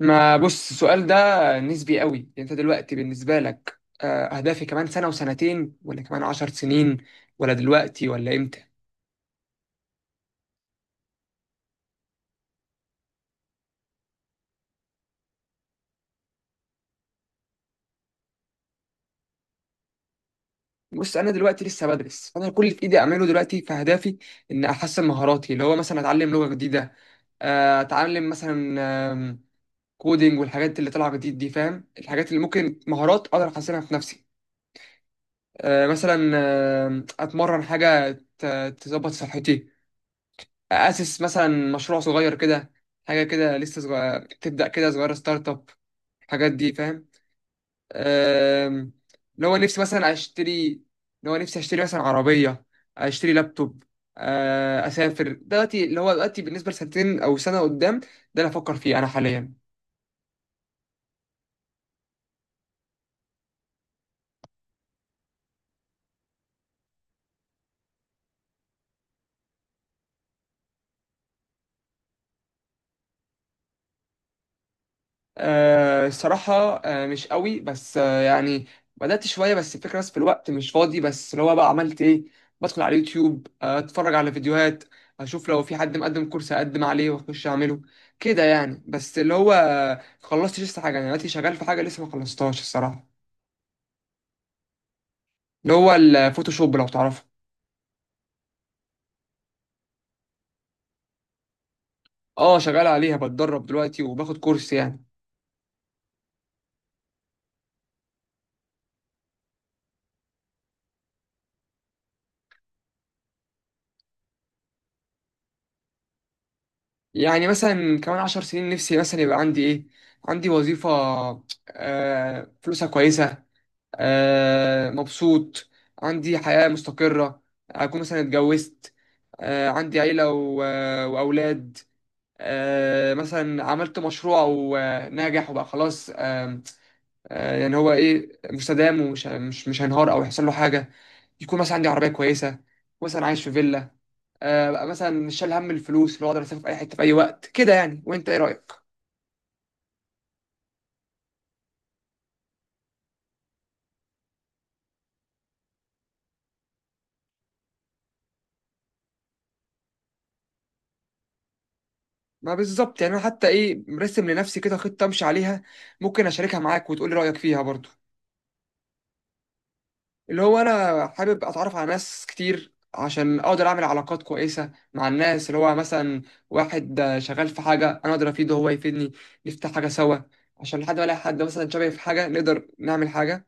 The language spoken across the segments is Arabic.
ما بص السؤال ده نسبي قوي. انت دلوقتي بالنسبه لك، اهدافي كمان سنه وسنتين ولا كمان 10 سنين ولا دلوقتي ولا امتى؟ بص، انا دلوقتي لسه بدرس. انا كل اللي في ايدي اعمله دلوقتي في اهدافي ان احسن مهاراتي، اللي هو مثلا اتعلم لغه جديده، اتعلم مثلا، آم، كودينج والحاجات اللي طالعه جديد دي، فاهم؟ الحاجات اللي ممكن مهارات اقدر احسنها في نفسي، مثلا، اتمرن، حاجه ت- تظبط صحتي، اسس مثلا مشروع صغير كده، حاجه كده لسه صغير، تبدا كده صغيره، ستارت اب، الحاجات دي، فاهم؟ أم، اللي هو نفسي مثلا اشتري، اللي هو نفسي اشتري مثلا عربيه، اشتري لابتوب، اسافر. دلوقتي اللي هو دلوقتي بالنسبه لسنتين او سنه قدام، ده اللي افكر فيه انا حاليا. الصراحة مش قوي، بس يعني بدأت شوية، بس الفكرة بس في الوقت مش فاضي. بس اللي هو بقى عملت إيه، بدخل على اليوتيوب، أتفرج على فيديوهات، أشوف لو في حد مقدم كورس أقدم عليه وأخش أعمله، كده يعني. بس اللي هو خلصتش لسه حاجة، أنا دلوقتي شغال في حاجة لسه ما خلصتهاش الصراحة. اللي هو الفوتوشوب، لو تعرفه. أه، شغال عليها، بتدرب دلوقتي وباخد كورس يعني. يعني مثلا كمان 10 سنين نفسي مثلا يبقى عندي إيه، عندي وظيفة، آه، فلوسها كويسة، مبسوط، عندي حياة مستقرة، أكون مثلا اتجوزت، عندي عيلة وأولاد، مثلا عملت مشروع وناجح وبقى خلاص. آم، آه، يعني هو إيه، مستدام ومش مش مش هينهار أو يحصل له حاجة. يكون مثلا عندي عربية كويسة، مثلا عايش في فيلا، بقى مثلا مش شايل هم الفلوس، اللي هو أقدر أسافر في أي حتة في أي وقت كده يعني. وأنت إيه رأيك؟ ما بالظبط، يعني أنا حتى إيه مرسم لنفسي كده خطة أمشي عليها. ممكن أشاركها معاك وتقولي رأيك فيها برضو. اللي هو انا حابب اتعرف على ناس كتير عشان اقدر اعمل علاقات كويسه مع الناس، اللي هو مثلا واحد شغال في حاجه انا اقدر افيده هو يفيدني، نفتح حاجه سوا، عشان لحد ما الاقي حد مثلا شبهي في حاجه نقدر نعمل حاجه.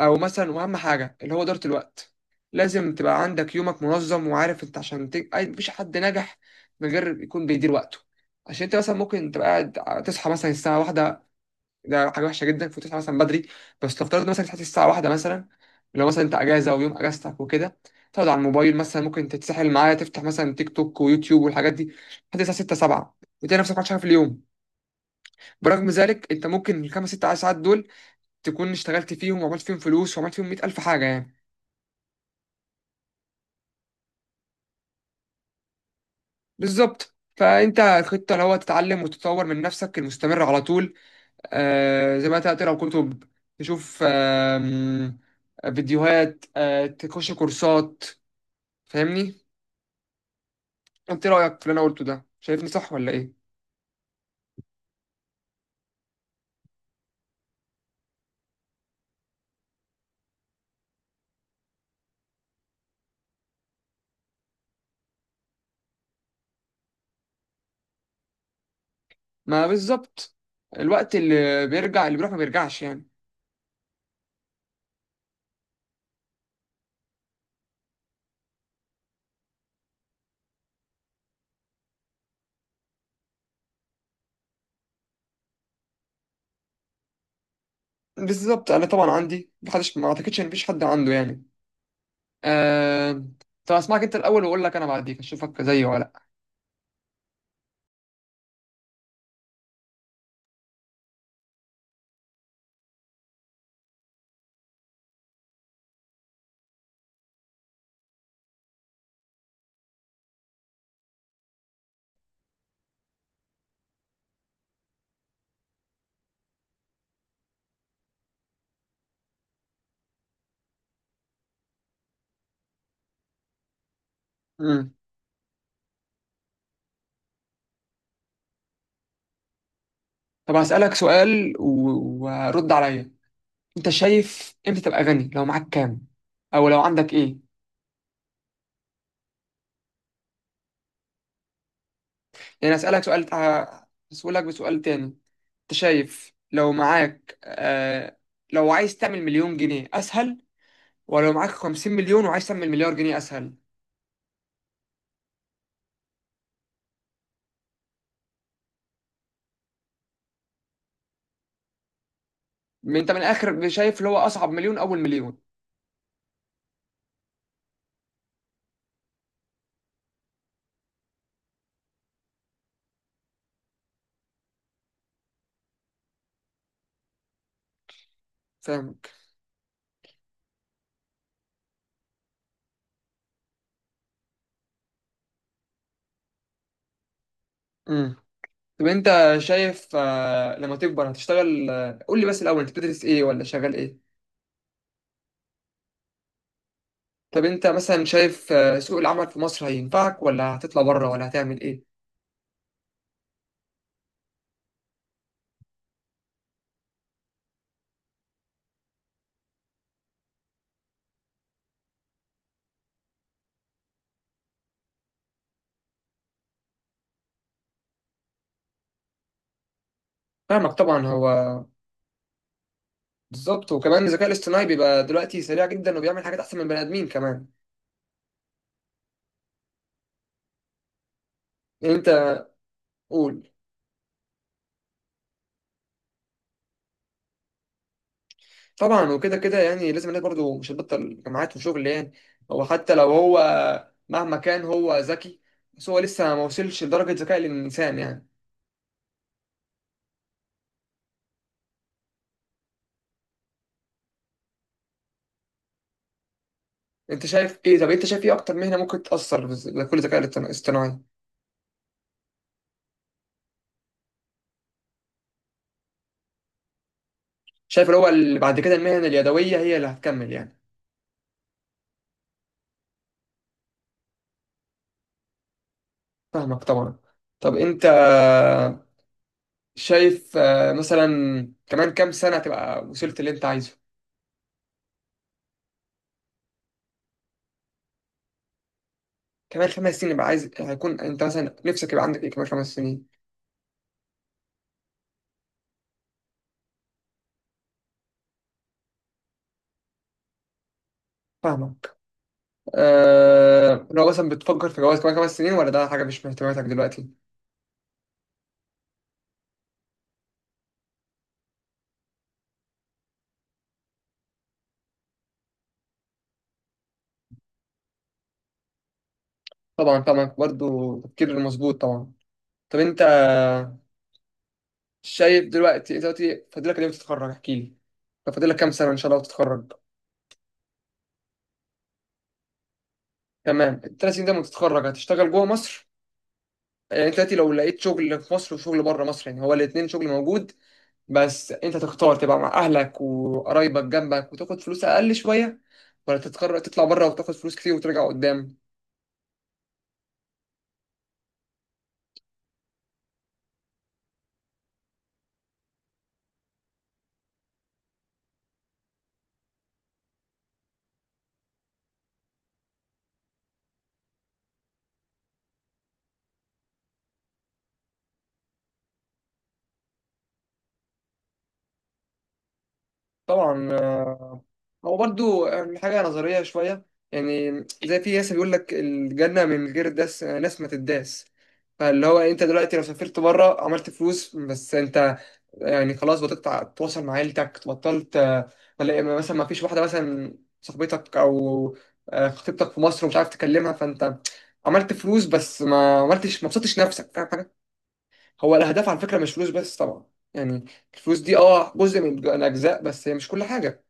او مثلا واهم حاجه اللي هو اداره الوقت. لازم تبقى عندك يومك منظم وعارف انت عشان مفيش حد نجح من غير يكون بيدير وقته. عشان انت مثلا ممكن تبقى قاعد تصحى مثلا الساعه واحدة، ده حاجه وحشه جدا، المفروض تصحى مثلا بدري. بس لو افترضنا مثلا تصحى الساعه واحدة مثلا، لو مثلا انت اجازه ويوم اجازتك وكده، تقعد على الموبايل، مثلا ممكن تتسحل معايا، تفتح مثلا تيك توك ويوتيوب والحاجات دي لحد الساعه 6 7، وتلاقي نفسك ما عملتش حاجه في اليوم. برغم ذلك انت ممكن الـ 5 6 ساعات دول تكون اشتغلت فيهم وعملت فيهم فلوس وعملت فيهم 100 الف حاجه يعني. بالظبط، فانت الخطه اللي هو تتعلم وتطور من نفسك المستمر على طول، زي ما انت تقرا كتب، تشوف فيديوهات، تخش كورسات. فاهمني؟ انت ايه رايك في اللي انا قلته ده، شايفني صح ولا ايه؟ ما بالظبط، الوقت اللي بيرجع اللي بيروح ما بيرجعش يعني. بالظبط، انا طبعا عندي، محدش ما اعتقدش ان مفيش حد عنده يعني. آه... طب اسمعك انت الاول واقول لك انا بعديك، اشوفك زيي ولا لا. مم. طب هسالك سؤال ورد عليا. انت شايف امتى تبقى غني، لو معاك كام او لو عندك ايه؟ يعني اسالك سؤال، هسألك بسؤال تاني. انت شايف لو معاك، لو عايز تعمل 1 مليون جنيه اسهل، ولو معاك 50 مليون وعايز تعمل 1 مليار جنيه اسهل؟ ما انت من الاخر شايف اللي هو اصعب 1 مليون اول 1 مليون. فاهم؟ امم، طب انت شايف لما تكبر هتشتغل قول لي بس الاول انت بتدرس ايه ولا شغال ايه؟ طب انت مثلا شايف سوق العمل في مصر هينفعك ولا هتطلع بره ولا هتعمل ايه؟ فاهمك طبعا. هو بالظبط، وكمان الذكاء الاصطناعي بيبقى دلوقتي سريع جدا وبيعمل حاجات احسن من البني ادمين كمان. يعني انت قول. طبعا، وكده كده يعني لازم الناس برضه مش هتبطل جامعات وشغل يعني. هو حتى لو هو مهما كان هو ذكي، بس هو لسه ما وصلش لدرجة ذكاء الإنسان يعني. أنت شايف إيه؟ طب أنت شايف إيه أكتر مهنة ممكن تأثر بكل الذكاء الاصطناعي؟ شايف اللي هو اللي بعد كده المهن اليدوية هي اللي هتكمل يعني. فاهمك طبعا. طب أنت شايف مثلا كمان كام سنة تبقى وصلت اللي أنت عايزه؟ كمان 5 سنين، يبقى عايز هيكون أنت مثلا نفسك يبقى عندك إيه كمان 5 سنين؟ فاهمك. آه، لو مثلا بتفكر في جواز كمان 5 سنين ولا ده حاجة مش من اهتماماتك دلوقتي؟ طبعا طبعا، برضه تفكير مظبوط طبعا. طب أنت شايف دلوقتي، أنت دلوقتي فاضلك قد إيه وتتخرج، احكي لي. طب فاضلك كام سنة إن شاء الله وتتخرج؟ تمام، الـ 3 سنين ده لما تتخرج هتشتغل جوه مصر، يعني أنت دلوقتي لو لقيت شغل في مصر وشغل بره مصر، يعني هو الاتنين شغل موجود. بس أنت تختار تبقى مع أهلك وقرايبك جنبك وتاخد فلوس أقل شوية، ولا تتخرج تطلع بره وتاخد فلوس كتير وترجع قدام؟ طبعا، هو برضو حاجة نظرية شوية يعني. زي في ناس بيقول لك الجنة من غير داس ناس ما تداس. فاللي هو انت دلوقتي لو سافرت بره عملت فلوس، بس انت يعني خلاص بطلت تتواصل مع عيلتك، بطلت تلاقي مثلا ما فيش واحدة مثلا صاحبتك او خطيبتك في مصر ومش عارف تكلمها. فانت عملت فلوس بس ما عملتش، ما بسطتش نفسك، فاهم حاجة؟ هو الأهداف على فكرة مش فلوس بس طبعا يعني. الفلوس دي اه جزء من الأجزاء، بس هي مش كل حاجة.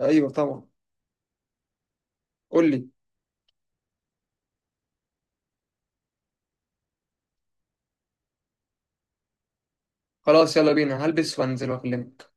أيوه طبعا، قول لي. خلاص يلا بينا، هلبس وانزل واكلمك.